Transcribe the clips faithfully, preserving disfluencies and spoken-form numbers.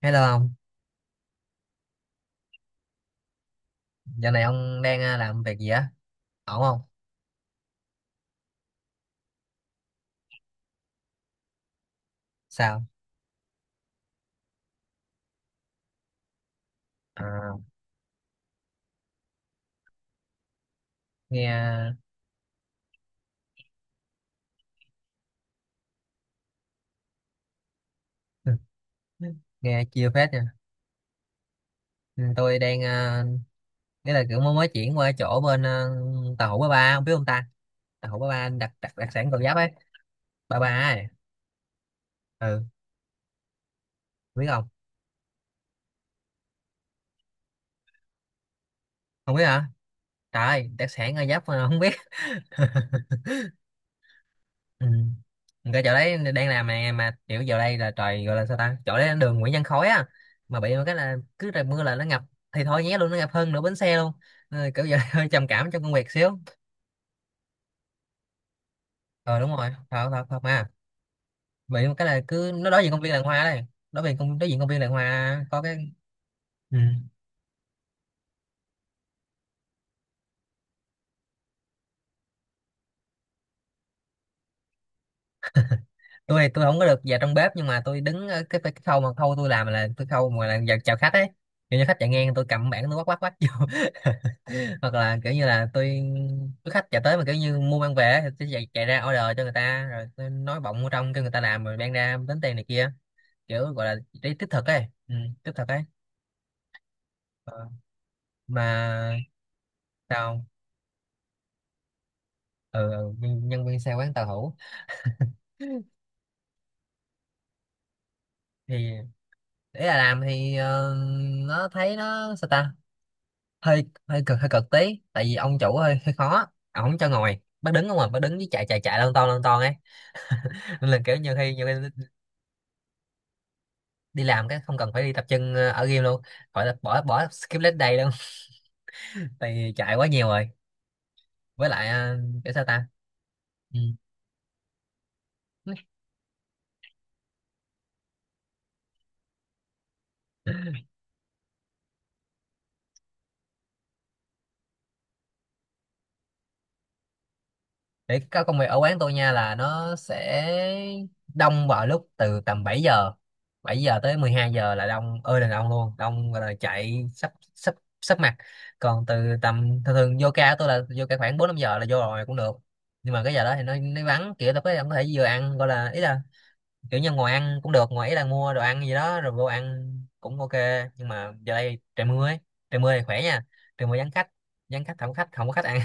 Hello ông, giờ này ông đang à, làm việc gì á? Ổn không? Sao? À, nghe nghe chiêu phết nha. Ừ, tôi đang à, nghĩa là kiểu mới mới chuyển qua chỗ bên à, tàu hũ ba ba, ông biết không ta? Tàu hũ ba ba đặc đặc đặc sản Gò Giáp ấy, ba ba ấy. Ừ, biết không? Không biết hả? Trời, ơi, đặc sản Gò Giáp mà không biết. Ừ. Cái chỗ đấy đang làm mà mà kiểu giờ đây là trời gọi là sao ta, chỗ đấy là đường Nguyễn Văn Khối á, mà bị một cái là cứ trời mưa là nó ngập thì thôi nhé luôn, nó ngập hơn nửa bến xe luôn. Ờ, kiểu giờ hơi trầm cảm trong công việc xíu. ờ Đúng rồi, thật thật thật mà, bị một cái là cứ nó đối diện công viên làng hoa đây, đối diện công đối diện công viên làng hoa có cái. Ừ. tôi tôi không có được vào trong bếp, nhưng mà tôi đứng ở cái, cái khâu mà khâu tôi làm là tôi khâu mà là vào chào khách ấy. Kiểu như khách chạy ngang tôi cầm bảng tôi quát quát quát vô. Hoặc là kiểu như là tôi tôi khách chạy tới mà kiểu như mua mang về ấy, thì tôi chạy, chạy ra order cho người ta rồi tôi nói bọng vô trong cho người ta làm rồi mang ra tính tiền này kia, kiểu gọi là đi tích thực ấy, ừ, tích thực ấy. Ờ, mà sao? Ừ, ừ, nhân nhân viên xe quán tàu hủ. Thì để là làm thì ờ, nó thấy nó sao ta, hơi hơi cực hơi cực tí tại vì ông chủ hơi hơi khó, ông không cho ngồi bác đứng không mà bác đứng với chạy chạy chạy lon ton lon ton ấy. Nên là kiểu nhiều khi nhiều khi đi làm cái không cần phải đi tập trung ờ, ở game luôn, gọi là bỏ bỏ skip leg day luôn. Tại vì chạy quá nhiều rồi, với lại ờ, kiểu sao ta. Ừ. Để các công việc ở quán tôi nha là nó sẽ đông vào lúc từ tầm bảy giờ bảy giờ tới mười hai giờ là đông ơi là đông luôn, đông gọi là chạy sắp sắp sắp mặt. Còn từ tầm thường thường vô ca của tôi là vô ca khoảng bốn năm giờ là vô rồi cũng được. Nhưng mà cái giờ đó thì nó nó vắng, kiểu tôi có ông có thể vừa ăn gọi là ý là kiểu như ngồi ăn cũng được, ngồi ý là mua đồ ăn gì đó rồi vô ăn cũng ok. Nhưng mà giờ đây trời mưa ấy, trời mưa thì khỏe nha, trời mưa vắng khách, vắng khách không có khách, không có khách ăn.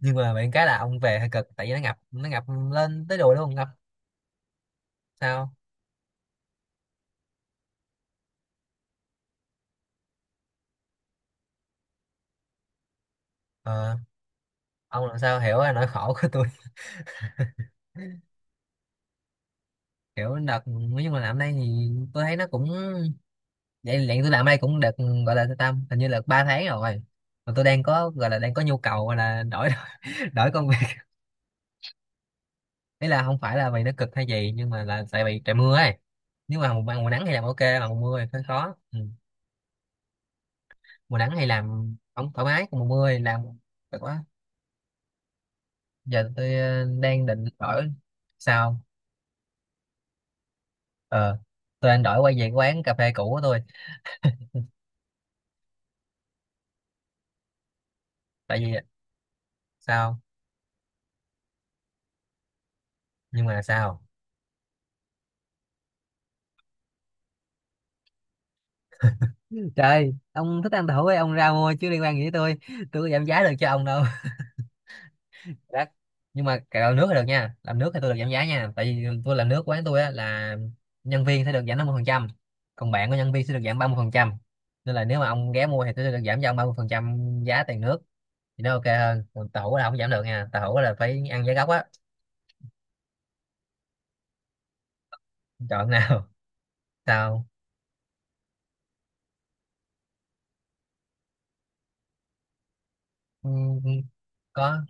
Nhưng mà bạn cái là ông về hơi cực tại vì nó ngập nó ngập lên tới đùi luôn ngập. Sao? ờ, ông làm sao hiểu là nỗi khổ của tôi. Hiểu đợt nói chung là làm đây thì tôi thấy nó cũng vậy vậy, tôi làm đây cũng được, gọi là tâm hình như là ba tháng rồi, mà tôi đang có gọi là đang có nhu cầu gọi là đổi, đổi công việc. Ý là không phải là vì nó cực hay gì nhưng mà là tại vì trời mưa ấy, nếu mà mùa, mùa nắng thì làm ok, mà mùa mưa thì hơi khó. Ừ. Mùa nắng thì làm không thoải mái, còn mùa mưa thì làm cực quá. Giờ tôi ờ, đang định đổi. Sao? ờ tôi anh đổi quay về quán cà phê cũ của tôi, tại vì... Sao? Nhưng mà sao? Trời, ông thích ăn tàu hũ ấy, ông ra mua chứ liên quan gì tới tôi. Tôi có giảm giá được cho ông đâu. Đắt. Nhưng mà cái làm nước thì được nha, làm nước thì tôi được giảm giá nha, tại vì tôi làm nước quán tôi á là nhân viên sẽ được giảm năm mươi phần trăm, còn bạn của nhân viên sẽ được giảm ba mươi phần trăm. Nên là nếu mà ông ghé mua thì tôi sẽ được giảm cho ông ba mươi phần trăm giá tiền nước, thì nó ok hơn. Còn tàu hũ là không giảm được nha, tàu hũ là phải ăn giá gốc á. Chọn nào? Sao? Ừ, ừ, có,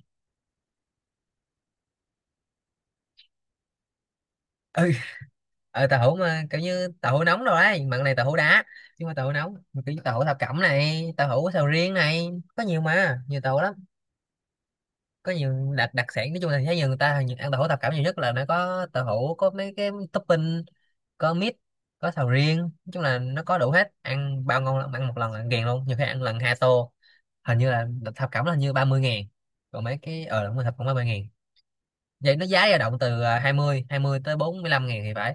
ừ, ờ, tàu hũ mà kiểu như tàu hũ nóng rồi đấy, mặn này, tàu hũ đá, nhưng mà tàu hũ nóng kiểu như tàu hũ thập cẩm này, tàu hũ sầu riêng này, có nhiều mà nhiều tàu lắm. Có nhiều đặc đặc sản, nói chung là thấy nhiều người ta hình như ăn tàu hũ thập cẩm nhiều nhất, là nó có tàu hũ, có mấy cái topping, có mít, có sầu riêng, nói chung là nó có đủ hết, ăn bao ngon lắm, ăn một lần là ăn ghiền luôn, nhiều khi ăn lần hai tô. Hình như là thập cẩm là hình như ba mươi ngàn, còn mấy cái ờ đúng rồi thập cẩm ba mươi ngàn, vậy nó giá dao động từ à, hai mươi hai mươi tới bốn mươi lăm ngàn thì phải.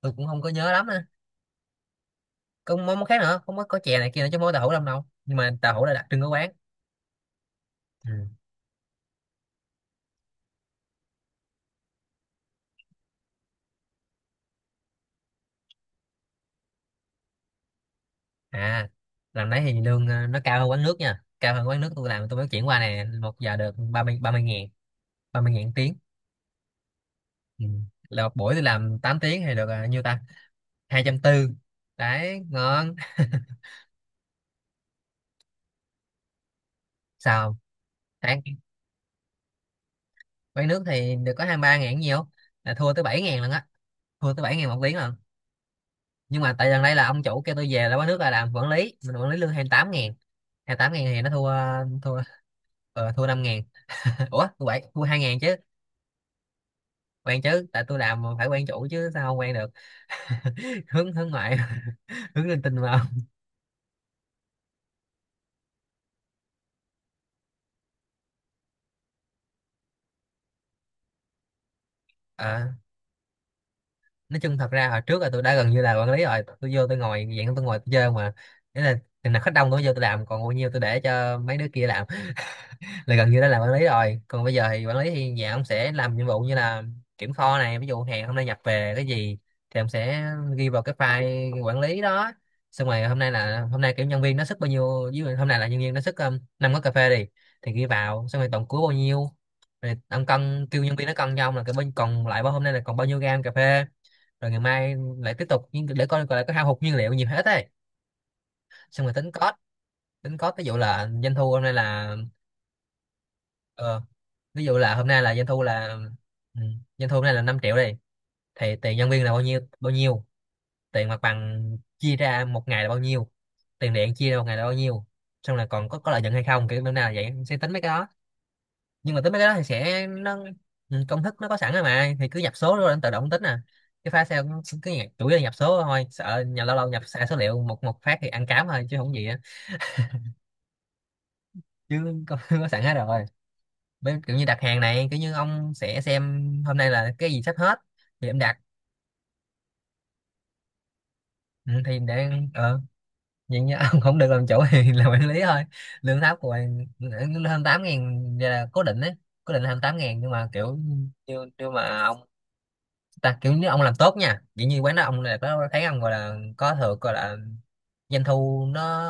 Tôi cũng không có nhớ lắm. Còn món món khác nữa, không có, có chè này kia nữa chứ, món tàu hủ lông đâu nhưng mà tàu hủ là đặc trưng của quán. Ừ. À, lần đấy thì lương ờ, nó cao hơn quán nước nha, cao hơn quán nước tôi làm, tôi mới chuyển qua này, một giờ được ba mươi ba mươi ngàn, ba mươi ngàn tiếng. Ừ. Là một buổi tôi làm tám tiếng thì được ờ, nhiêu ta, hai trăm tư, đấy ngon. Sao? Tháng quán nước thì được có hai mươi ba ngàn nhiều, là thua tới bảy ngàn lần á, thua tới bảy ngàn một tiếng lần. Nhưng mà tại gần đây là ông chủ kêu tôi về là quán nước là làm quản lý, mình quản lý lương hai mươi tám ngàn, hai mươi tám ngàn thì nó thua, thua ờ, thua năm ngàn. Ủa tôi bạn tôi hai ngàn chứ. Quen chứ, tại tôi làm mà phải quen chủ chứ, sao không quen được. hướng hướng ngoại, hướng linh tinh mà không. Ờ, nói chung thật ra hồi trước là tôi đã gần như là quản lý rồi, tôi vô tôi ngồi dạng, tôi ngồi tôi chơi mà, nghĩa là chừng nào khách đông tôi vô tôi làm, còn bao nhiêu tôi để cho mấy đứa kia làm, là gần như đã làm quản lý rồi. Còn bây giờ thì quản lý thì nhà ông sẽ làm nhiệm vụ như là kiểm kho này, ví dụ hàng hôm nay nhập về cái gì, thì ông sẽ ghi vào cái file quản lý đó. Xong rồi hôm nay là hôm nay kiểu nhân viên nó sức bao nhiêu, ví dụ hôm nay là nhân viên nó sức um, năm cốc cà phê đi, thì ghi vào xong rồi tổng cuối bao nhiêu, rồi ông cân kêu nhân viên nó cân cho ông là cái bên còn lại bao hôm nay là còn bao nhiêu gam cà phê, rồi ngày mai lại tiếp tục, nhưng để coi coi là có hao hụt nhiên liệu nhiều hết ấy. Xong rồi tính cost, tính cost, ví dụ là doanh thu hôm nay là ờ, ví dụ là hôm nay là doanh thu là, ừ, doanh thu hôm nay là năm triệu đi, thì tiền nhân viên là bao nhiêu bao nhiêu, tiền mặt bằng chia ra một ngày là bao nhiêu, tiền điện chia ra một ngày là bao nhiêu, xong là còn có có lợi nhuận hay không, kiểu bữa nào là vậy sẽ tính mấy cái đó. Nhưng mà tính mấy cái đó thì sẽ nó, ừ, công thức nó có sẵn rồi mà, thì cứ nhập số rồi anh tự động tính à. Cái file Excel nó cứ nhập, chủ yếu là nhập số thôi, sợ nhà lâu lâu nhập sai số liệu một một phát thì ăn cám thôi chứ không gì á, chứ có, có sẵn hết rồi. Với kiểu như đặt hàng này, kiểu như ông sẽ xem hôm nay là cái gì sắp hết thì em đặt. Ừ, thì để ờ vậy nha, ông không được làm chủ thì làm quản lý thôi, lương thấp của bạn hơn tám ngàn là cố định đấy, cố định là hơn tám ngàn, nhưng mà kiểu như nhưng mà ông ta kiểu như ông làm tốt nha, dĩ như quán đó ông là có thấy ông gọi là có thưởng, gọi là doanh thu nó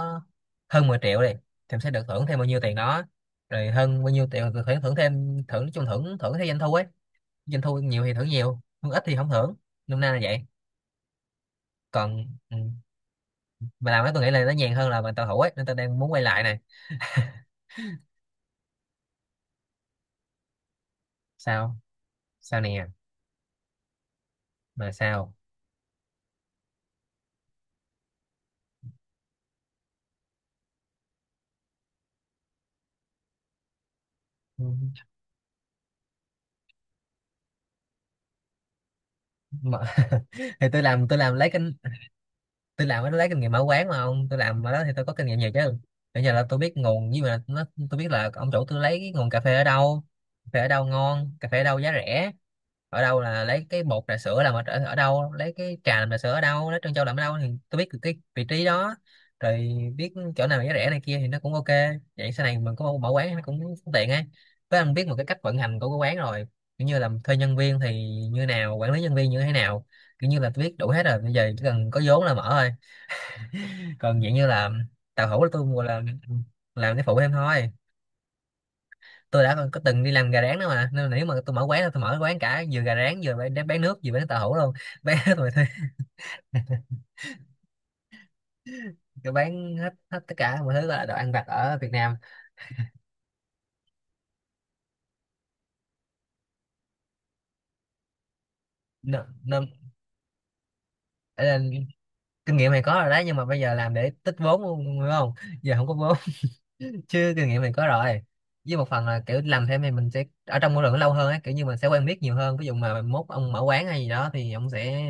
hơn mười triệu đi thì ông sẽ được thưởng thêm bao nhiêu tiền đó, rồi hơn bao nhiêu tiền được thưởng Thưởng thêm, thưởng nói chung thưởng thưởng theo doanh thu ấy. Doanh thu nhiều thì thưởng nhiều, thưởng ít thì không thưởng. Năm nay là vậy. Còn ừ. Mà làm đó tôi nghĩ là nó nhàn hơn là mà tàu hủ ấy, nên tôi đang muốn quay lại này. Sao? Sao nè? Mà sao? Ừ, mà... Thì tôi làm tôi làm lấy kinh, tôi làm nó lấy kinh nghiệm mở quán. Mà ông tôi làm ở đó thì tôi có kinh nghiệm nhiều chứ. Bây giờ là tôi biết nguồn, nhưng mà nó, tôi biết là ông chủ tôi lấy cái nguồn cà phê ở đâu, cà phê ở đâu ngon, cà phê ở đâu giá rẻ, ở đâu là lấy cái bột trà sữa làm ở, ở ở đâu, lấy cái trà làm trà sữa ở đâu, lấy trân châu làm ở đâu, thì tôi biết được cái vị trí đó rồi. Biết chỗ nào giá rẻ này kia thì nó cũng ok. Vậy sau này mình có mở quán nó cũng tiện ấy. Với anh biết một cái cách vận hành của cái quán rồi, kiểu như là thuê nhân viên thì như nào, quản lý nhân viên như thế nào. Kiểu như là tôi biết đủ hết rồi, bây giờ chỉ cần có vốn là mở thôi. Còn vậy như là tàu hũ là tôi mua là làm cái phụ em thôi. Tôi đã có từng đi làm gà rán đó mà, nên là nếu mà tôi mở quán là tôi mở quán cả vừa gà rán vừa bán, bán nước, vừa bán tàu hũ luôn. Bán hết mọi thứ. Tôi bán hết, hết tất cả mọi thứ là đồ ăn vặt ở Việt Nam. Nên, nên ấy là kinh nghiệm này có rồi đấy, nhưng mà bây giờ làm để tích vốn luôn đúng không. Giờ không có vốn. Chứ kinh nghiệm này có rồi. Với một phần là kiểu làm thêm thì mình sẽ ở trong môi trường nó lâu hơn á, kiểu như mình sẽ quen biết nhiều hơn. Ví dụ mà mốt ông mở quán hay gì đó thì ông sẽ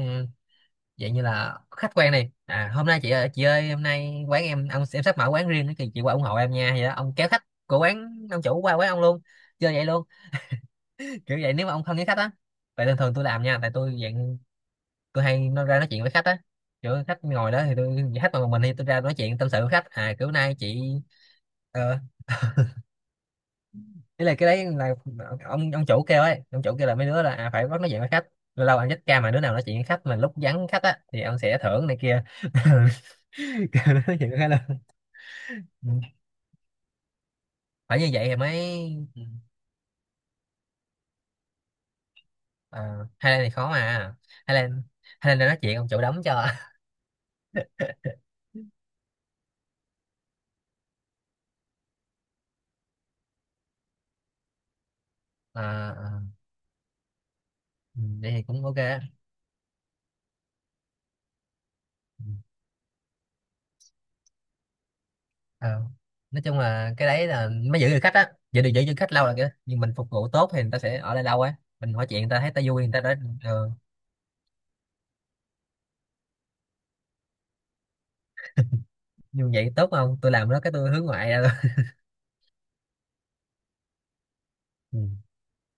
vậy, như là khách quen này à, hôm nay chị ơi, chị ơi hôm nay quán em, ông em sắp mở quán riêng thì chị qua ủng hộ em nha, vậy đó. Ông kéo khách của quán ông chủ qua quán ông luôn. Chơi vậy luôn. Kiểu vậy. Nếu mà ông không với khách á. Tại thường thường tôi làm nha, tại tôi dạng tôi hay nó ra nói chuyện với khách á. Kiểu khách ngồi đó thì tôi, khách mà một mình thì tôi ra nói chuyện tâm sự với khách à, kiểu nay chị ờ. Ý là cái đấy là ông ông chủ kêu ấy, ông chủ kêu là mấy đứa là à, phải bắt nói chuyện với khách. Lâu lâu anh chết ca mà đứa nào nói chuyện với khách mà lúc vắng khách á thì ông sẽ thưởng này kia. Kêu nó nói chuyện với khách luôn. Ừ, phải như vậy thì mới. Ừ. À, Highland thì khó mà. Highland, Highland đang nói chuyện ông chủ đóng cho. À, à, ừ, vậy thì cũng ok á. Ừ. Ờ, nói chung là cái đấy là mới giữ được khách á, giữ được giữ được khách lâu là cái nhưng mình phục vụ tốt thì người ta sẽ ở lại lâu á. Mình hỏi chuyện người ta thấy ta vui người ta đã. Ờ, như vậy tốt không, tôi làm đó cái tôi hướng ngoại ra luôn. Ừ.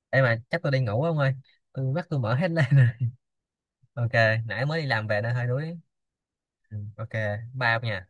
Ê, mà chắc tôi đi ngủ không ơi, tôi mắt tôi mở hết lên rồi. Ok. Nãy mới đi làm về nên hơi đuối. Ừ. Ok. Bye ông nha.